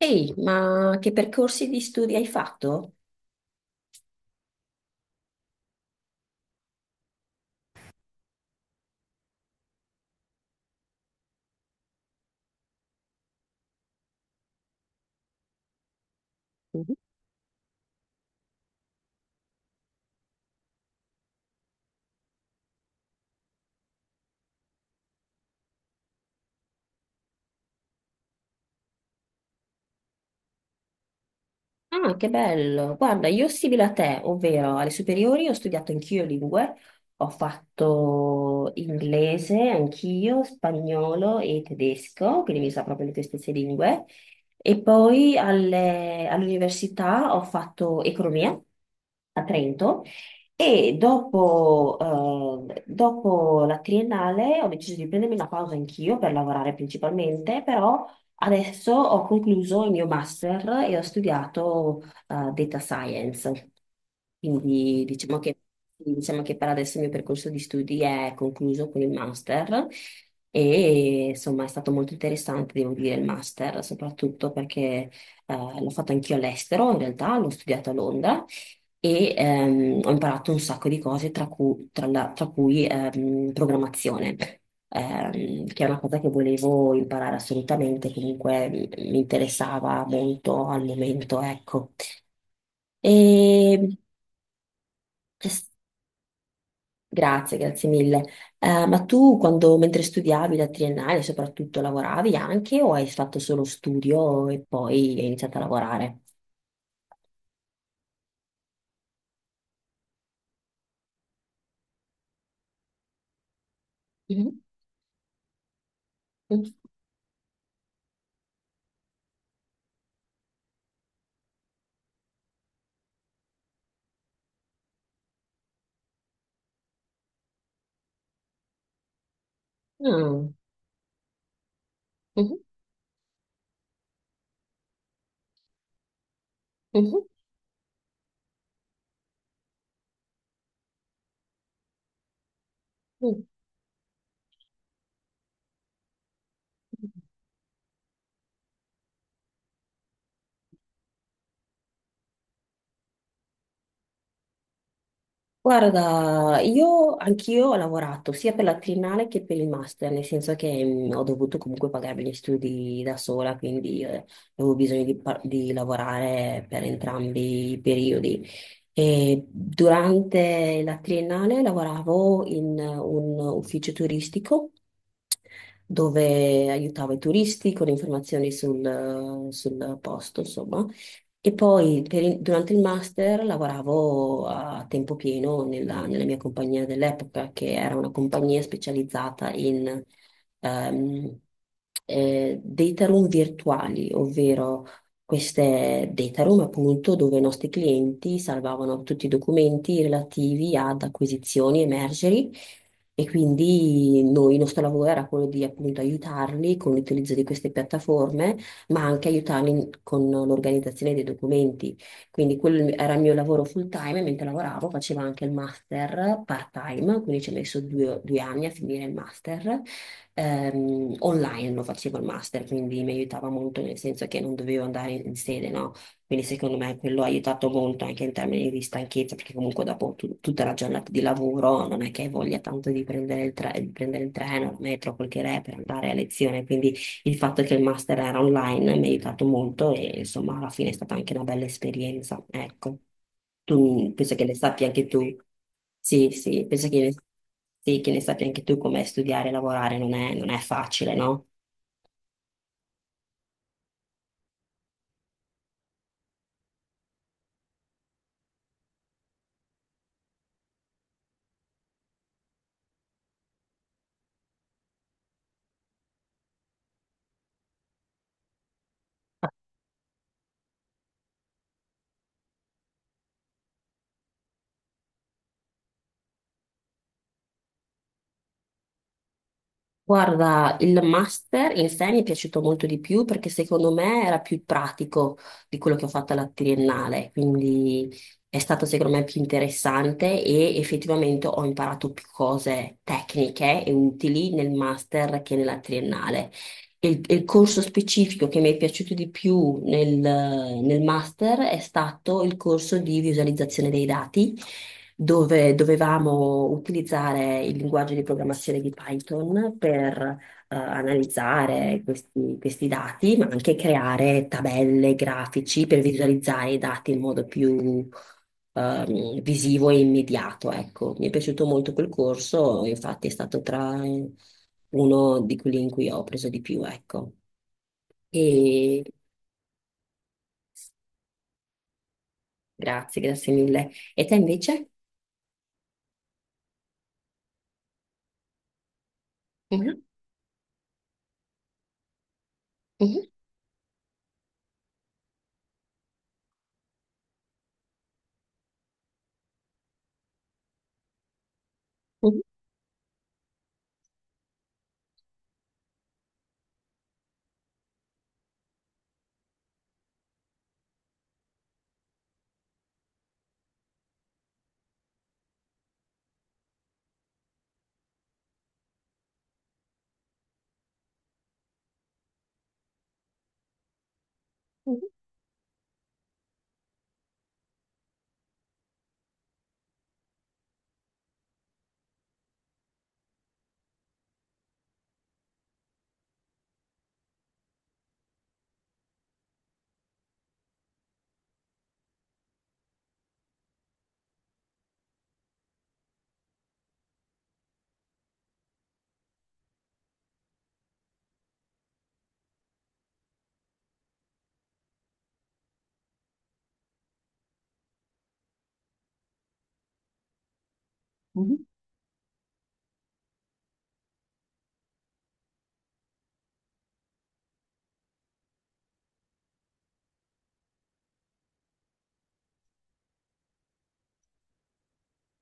Ehi, ma che percorsi di studi hai fatto? Ah, che bello! Guarda, io simile a te, ovvero alle superiori ho studiato anch'io lingue, ho fatto inglese anch'io, spagnolo e tedesco, quindi mi sa proprio le tue stesse lingue. E poi all'università ho fatto economia a Trento e dopo, dopo la triennale ho deciso di prendermi una pausa anch'io per lavorare principalmente. Però adesso ho concluso il mio master e ho studiato data science, quindi diciamo che per adesso il mio percorso di studi è concluso con il master e insomma è stato molto interessante, devo dire, il master, soprattutto perché eh, l'ho fatto anch'io all'estero, in realtà l'ho studiato a Londra e ho imparato un sacco di cose, tra cui, tra cui, programmazione, che è una cosa che volevo imparare assolutamente, comunque mi interessava molto al momento, ecco. E, s- grazie, grazie mille. Ma tu, quando, mentre studiavi la triennale, soprattutto lavoravi anche o hai fatto solo studio e poi hai iniziato a lavorare? Mhm. Mhm. Ah. Mhm. Mhm. Mhm. Guarda, io anch'io ho lavorato sia per la triennale che per il master, nel senso che ho dovuto comunque pagarmi gli studi da sola, quindi avevo bisogno di, di lavorare per entrambi i periodi. E durante la triennale lavoravo in un ufficio turistico dove aiutavo i turisti con informazioni sul posto, insomma. E poi durante il master lavoravo a tempo pieno nella mia compagnia dell'epoca, che era una compagnia specializzata in ehm, data room virtuali, ovvero queste data room appunto dove i nostri clienti salvavano tutti i documenti relativi ad acquisizioni e mergeri. E quindi noi, il nostro lavoro era quello di appunto aiutarli con l'utilizzo di queste piattaforme ma anche aiutarli con l'organizzazione dei documenti. Quindi quello era il mio lavoro full time, e mentre lavoravo facevo anche il master part time, quindi ci ho messo due anni a finire il master. Online lo facevo il master, quindi mi aiutava molto nel senso che non dovevo andare in sede, no? Quindi secondo me quello ha aiutato molto anche in termini di stanchezza, perché comunque dopo tutta la giornata di lavoro non è che hai voglia tanto di prendere di prendere il treno, il metro, quel che è per andare a lezione, quindi il fatto che il master era online mi ha aiutato molto e insomma alla fine è stata anche una bella esperienza, ecco. Tu penso che ne sappia anche tu. Sì, sì, sì, che ne sappia anche tu come studiare e lavorare non è facile, no? Guarda, il master in sé mi è piaciuto molto di più perché secondo me era più pratico di quello che ho fatto alla triennale, quindi è stato secondo me più interessante e effettivamente ho imparato più cose tecniche e utili nel master che nella triennale. Il corso specifico che mi è piaciuto di più nel master è stato il corso di visualizzazione dei dati, dove dovevamo utilizzare il linguaggio di programmazione di Python per analizzare questi dati, ma anche creare tabelle, grafici per visualizzare i dati in modo più visivo e immediato. Ecco, mi è piaciuto molto quel corso, infatti è stato tra uno di quelli in cui ho preso di più, ecco. E grazie, grazie mille. E te invece? Mhm, mhm, mhm, mhm, mhm.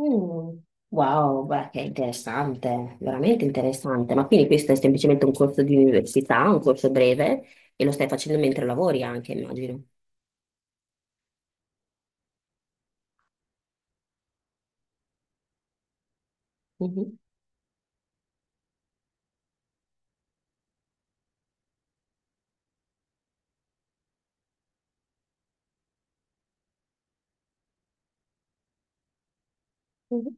Mm. Wow, beh, che interessante, veramente interessante. Ma quindi questo è semplicemente un corso di università, un corso breve, e lo stai facendo mentre lavori anche, immagino. Mhm, mhm,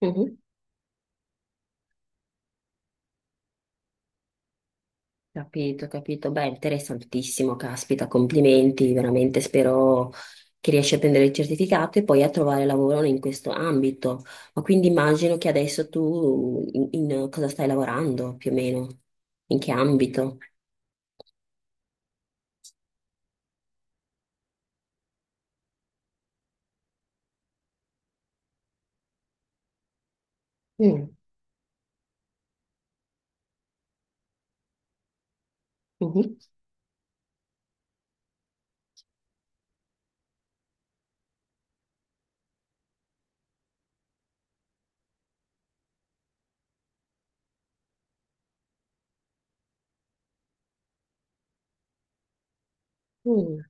mhm. Capito, capito. Beh, interessantissimo, caspita, complimenti, veramente spero che riesci a prendere il certificato e poi a trovare lavoro in questo ambito. Ma quindi immagino che adesso tu in cosa stai lavorando più o meno? In che ambito? Mm, mhm, mm,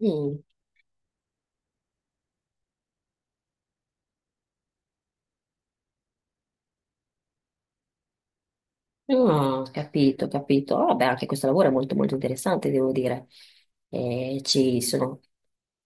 mm. Ah, capito, capito. Ah, vabbè, anche questo lavoro è molto interessante, devo dire. Ci sono,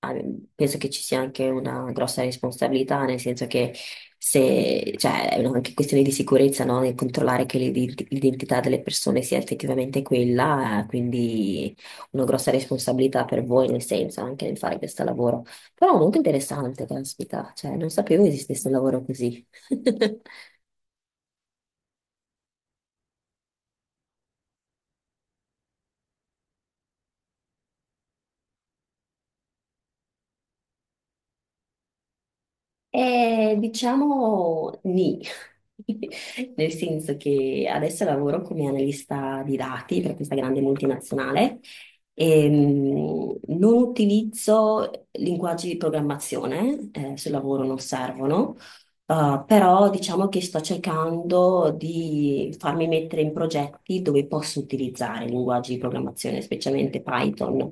ah, penso che ci sia anche una grossa responsabilità, nel senso che se, cioè, è anche questione di sicurezza, no? Nel controllare che l'identità delle persone sia effettivamente quella, quindi una grossa responsabilità per voi, nel senso, anche nel fare questo lavoro. Però molto interessante, caspita, cioè, non sapevo esistesse un lavoro così. Diciamo nì, nel senso che adesso lavoro come analista di dati per questa grande multinazionale e non utilizzo linguaggi di programmazione, sul lavoro non servono, però diciamo che sto cercando di farmi mettere in progetti dove posso utilizzare linguaggi di programmazione, specialmente Python,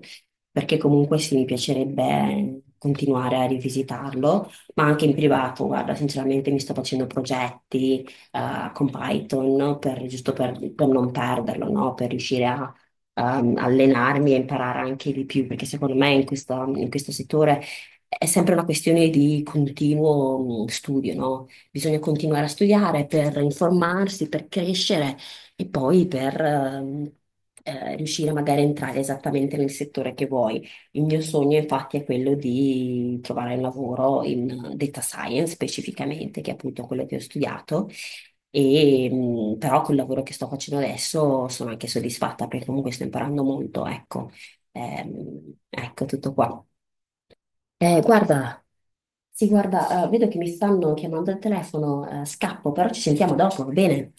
perché comunque sì, mi piacerebbe continuare a rivisitarlo ma anche in privato, guarda, sinceramente mi sto facendo progetti con Python no? Giusto per non perderlo, no? Per riuscire a allenarmi e imparare anche di più, perché secondo me in in questo settore è sempre una questione di continuo mm, studio, no? Bisogna continuare a studiare per informarsi, per crescere e poi per riuscire magari a entrare esattamente nel settore che vuoi. Il mio sogno infatti è quello di trovare un lavoro in data science specificamente, che è appunto quello che ho studiato, e, però col lavoro che sto facendo adesso sono anche soddisfatta perché comunque sto imparando molto, ecco. Ecco tutto qua. Guarda, sì, guarda, vedo che mi stanno chiamando al telefono, scappo, però ci sentiamo dopo, va bene?